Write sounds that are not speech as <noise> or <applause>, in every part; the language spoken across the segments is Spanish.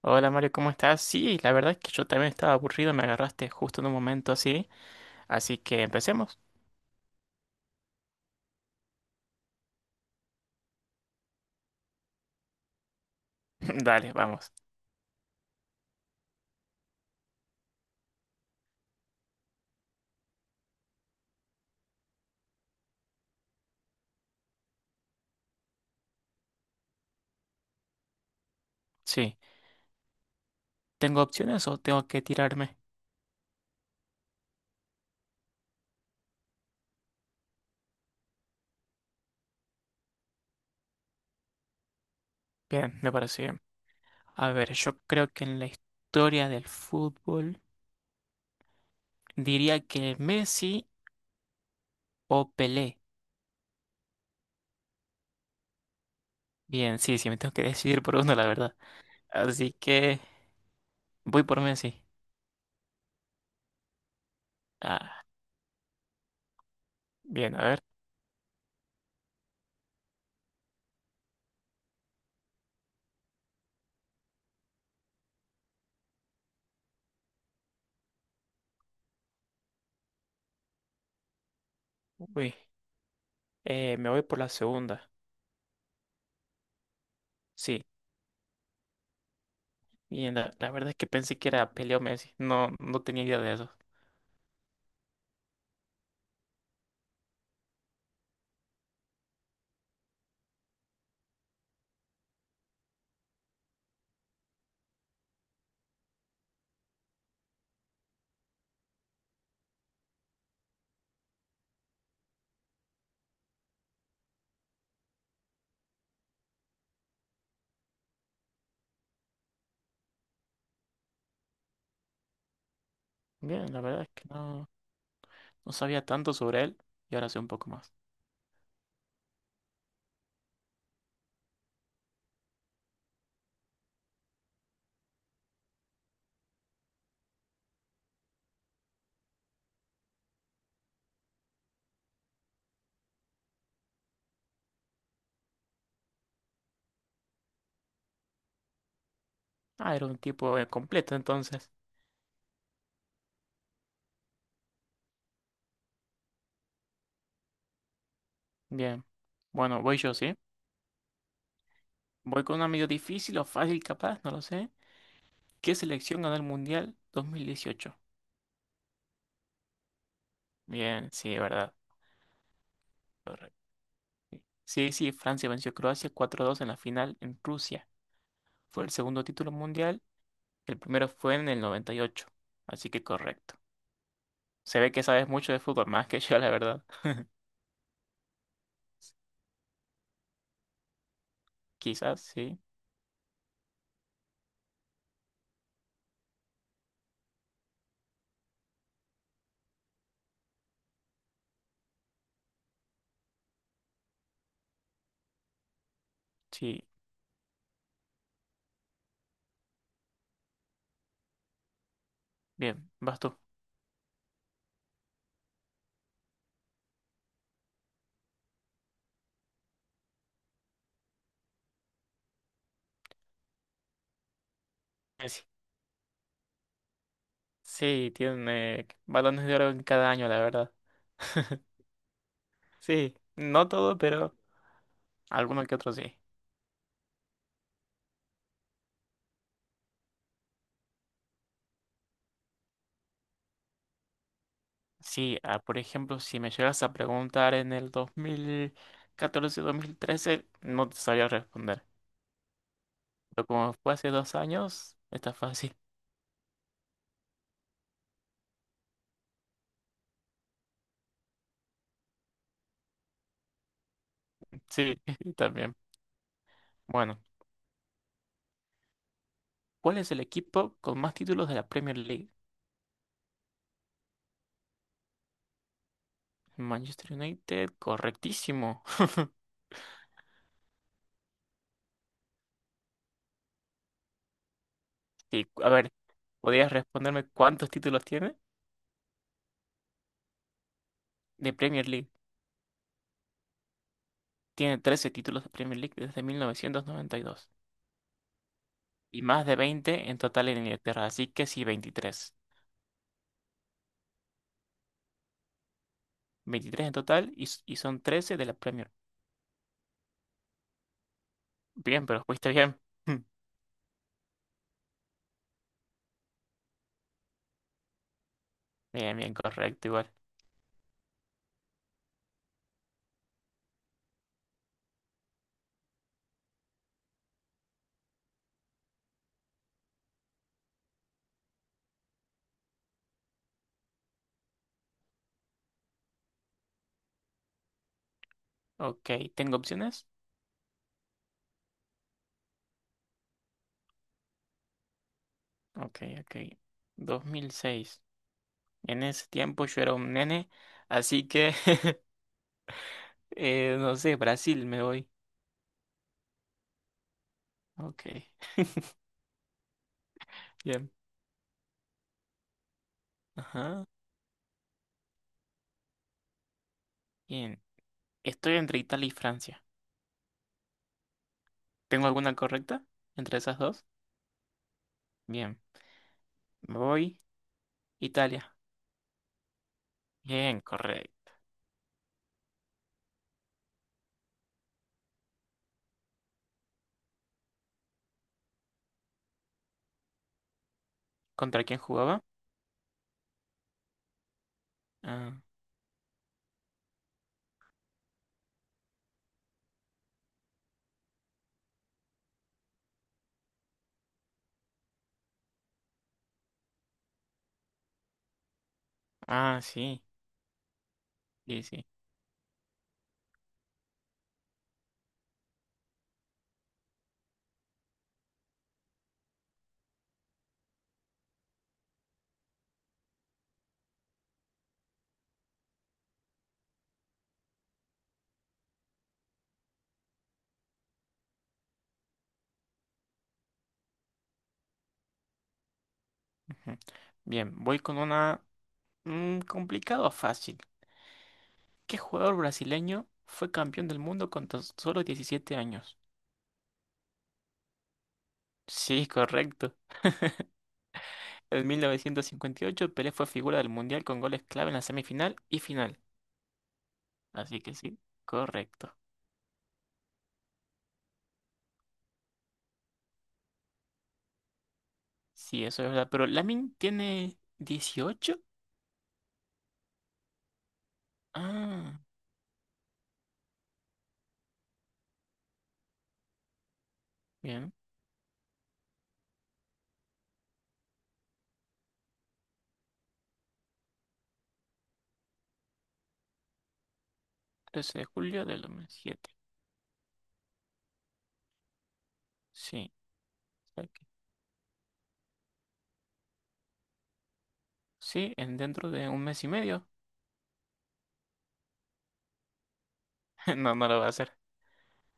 Hola Mario, ¿cómo estás? Sí, la verdad es que yo también estaba aburrido, me agarraste justo en un momento así, así que empecemos. <laughs> Dale, vamos. Sí, ¿tengo opciones o tengo que tirarme? Bien, me parece bien. A ver, yo creo que en la historia del fútbol diría que Messi o Pelé. Bien, sí, sí, me tengo que decidir por uno, la verdad. Así que voy por Messi. Ah, bien, a ver. Uy, me voy por la segunda. Sí. Bien, la verdad es que pensé que era Pelé o Messi. No, no tenía idea de eso. Bien, la verdad es que no, no sabía tanto sobre él y ahora sé un poco más. Ah, era un tipo completo entonces. Bien. Bueno, voy yo, ¿sí? Voy con una medio difícil o fácil capaz, no lo sé. ¿Qué selección ganó el Mundial 2018? Bien, sí, verdad. Correcto. Sí, sí, Francia venció a Croacia 4-2 en la final en Rusia. Fue el segundo título mundial, el primero fue en el 98. Así que correcto. Se ve que sabes mucho de fútbol, más que yo, la verdad. Quizás, sí. Sí. Bien, vas tú. Sí, tiene balones de oro en cada año, la verdad. <laughs> Sí, no todo, pero alguno que otro sí. Sí, ah, por ejemplo, si me llegas a preguntar en el 2014-2013, no te sabía responder. Pero como fue hace 2 años, está fácil. <laughs> Sí, <laughs> también. Bueno, ¿cuál es el equipo con más títulos de la Premier League? Manchester United, correctísimo. <laughs> Sí, a ver, ¿podrías responderme cuántos títulos tiene de Premier League? Tiene 13 títulos de Premier League desde 1992 y dos y más de 20 en total en Inglaterra, así que sí, 23, 23 en total y son 13 de la Premier. Bien, pero fuiste bien. <laughs> Bien, bien, correcto, igual. Ok, ¿tengo opciones? Ok, ok. 2006. En ese tiempo yo era un nene, así que, <laughs> no sé, Brasil me voy. Ok, <laughs> bien. Ajá, bien. Estoy entre Italia y Francia. ¿Tengo alguna correcta entre esas dos? Bien, me voy. Italia. Bien, correcto. ¿Contra quién jugaba? Ah, ah, sí. Sí, sí. Ujú. Bien, voy con una complicado o fácil. ¿Qué jugador brasileño fue campeón del mundo con tan solo 17 años? Sí, correcto. En 1958 Pelé fue figura del Mundial con goles clave en la semifinal y final. Así que sí, correcto. Sí, eso es verdad. Pero Lamin tiene 18. Ah, bien. 13 de julio del 2007. Sí. Ok. Sí, en dentro de un mes y medio. <laughs> No, no lo va a hacer.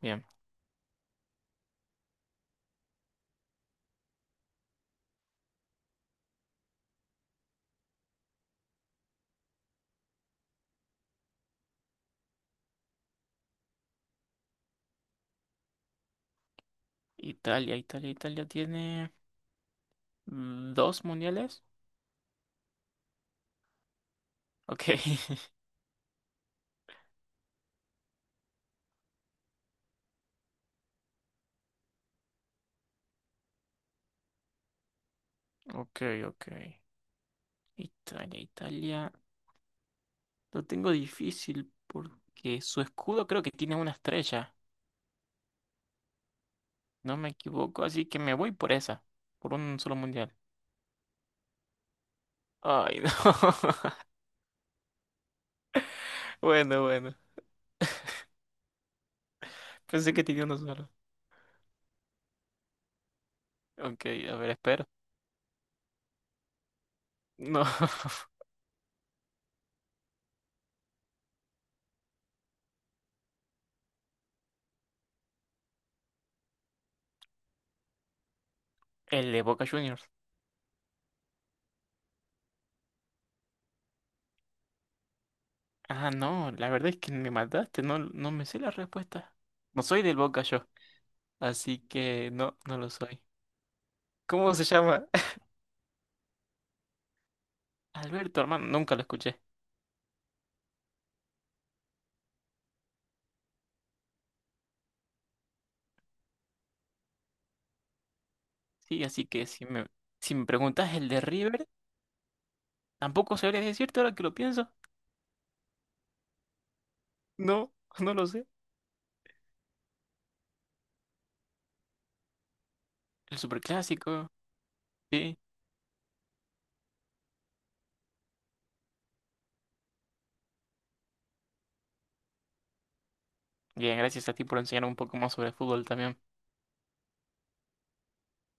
Bien. Italia, Italia, Italia tiene dos mundiales. Ok. <laughs> Ok, ok. Italia, Italia. Lo tengo difícil porque su escudo creo que tiene una estrella. No me equivoco, así que me voy por esa. Por un solo mundial. Ay, no. <laughs> Bueno, bueno. Pensé que tenía uno solo. Ok, a ver, espero. No. <laughs> El de Boca Juniors. Ah, no, la verdad es que me mataste, no, no me sé la respuesta. No soy del Boca yo, así que no, no lo soy. ¿Cómo se llama? <laughs> Alberto, hermano, nunca lo escuché. Sí, así que si me preguntas el de River, tampoco sabría decirte ahora que lo pienso. No, no lo sé. El superclásico, sí. Bien, gracias a ti por enseñarme un poco más sobre fútbol también.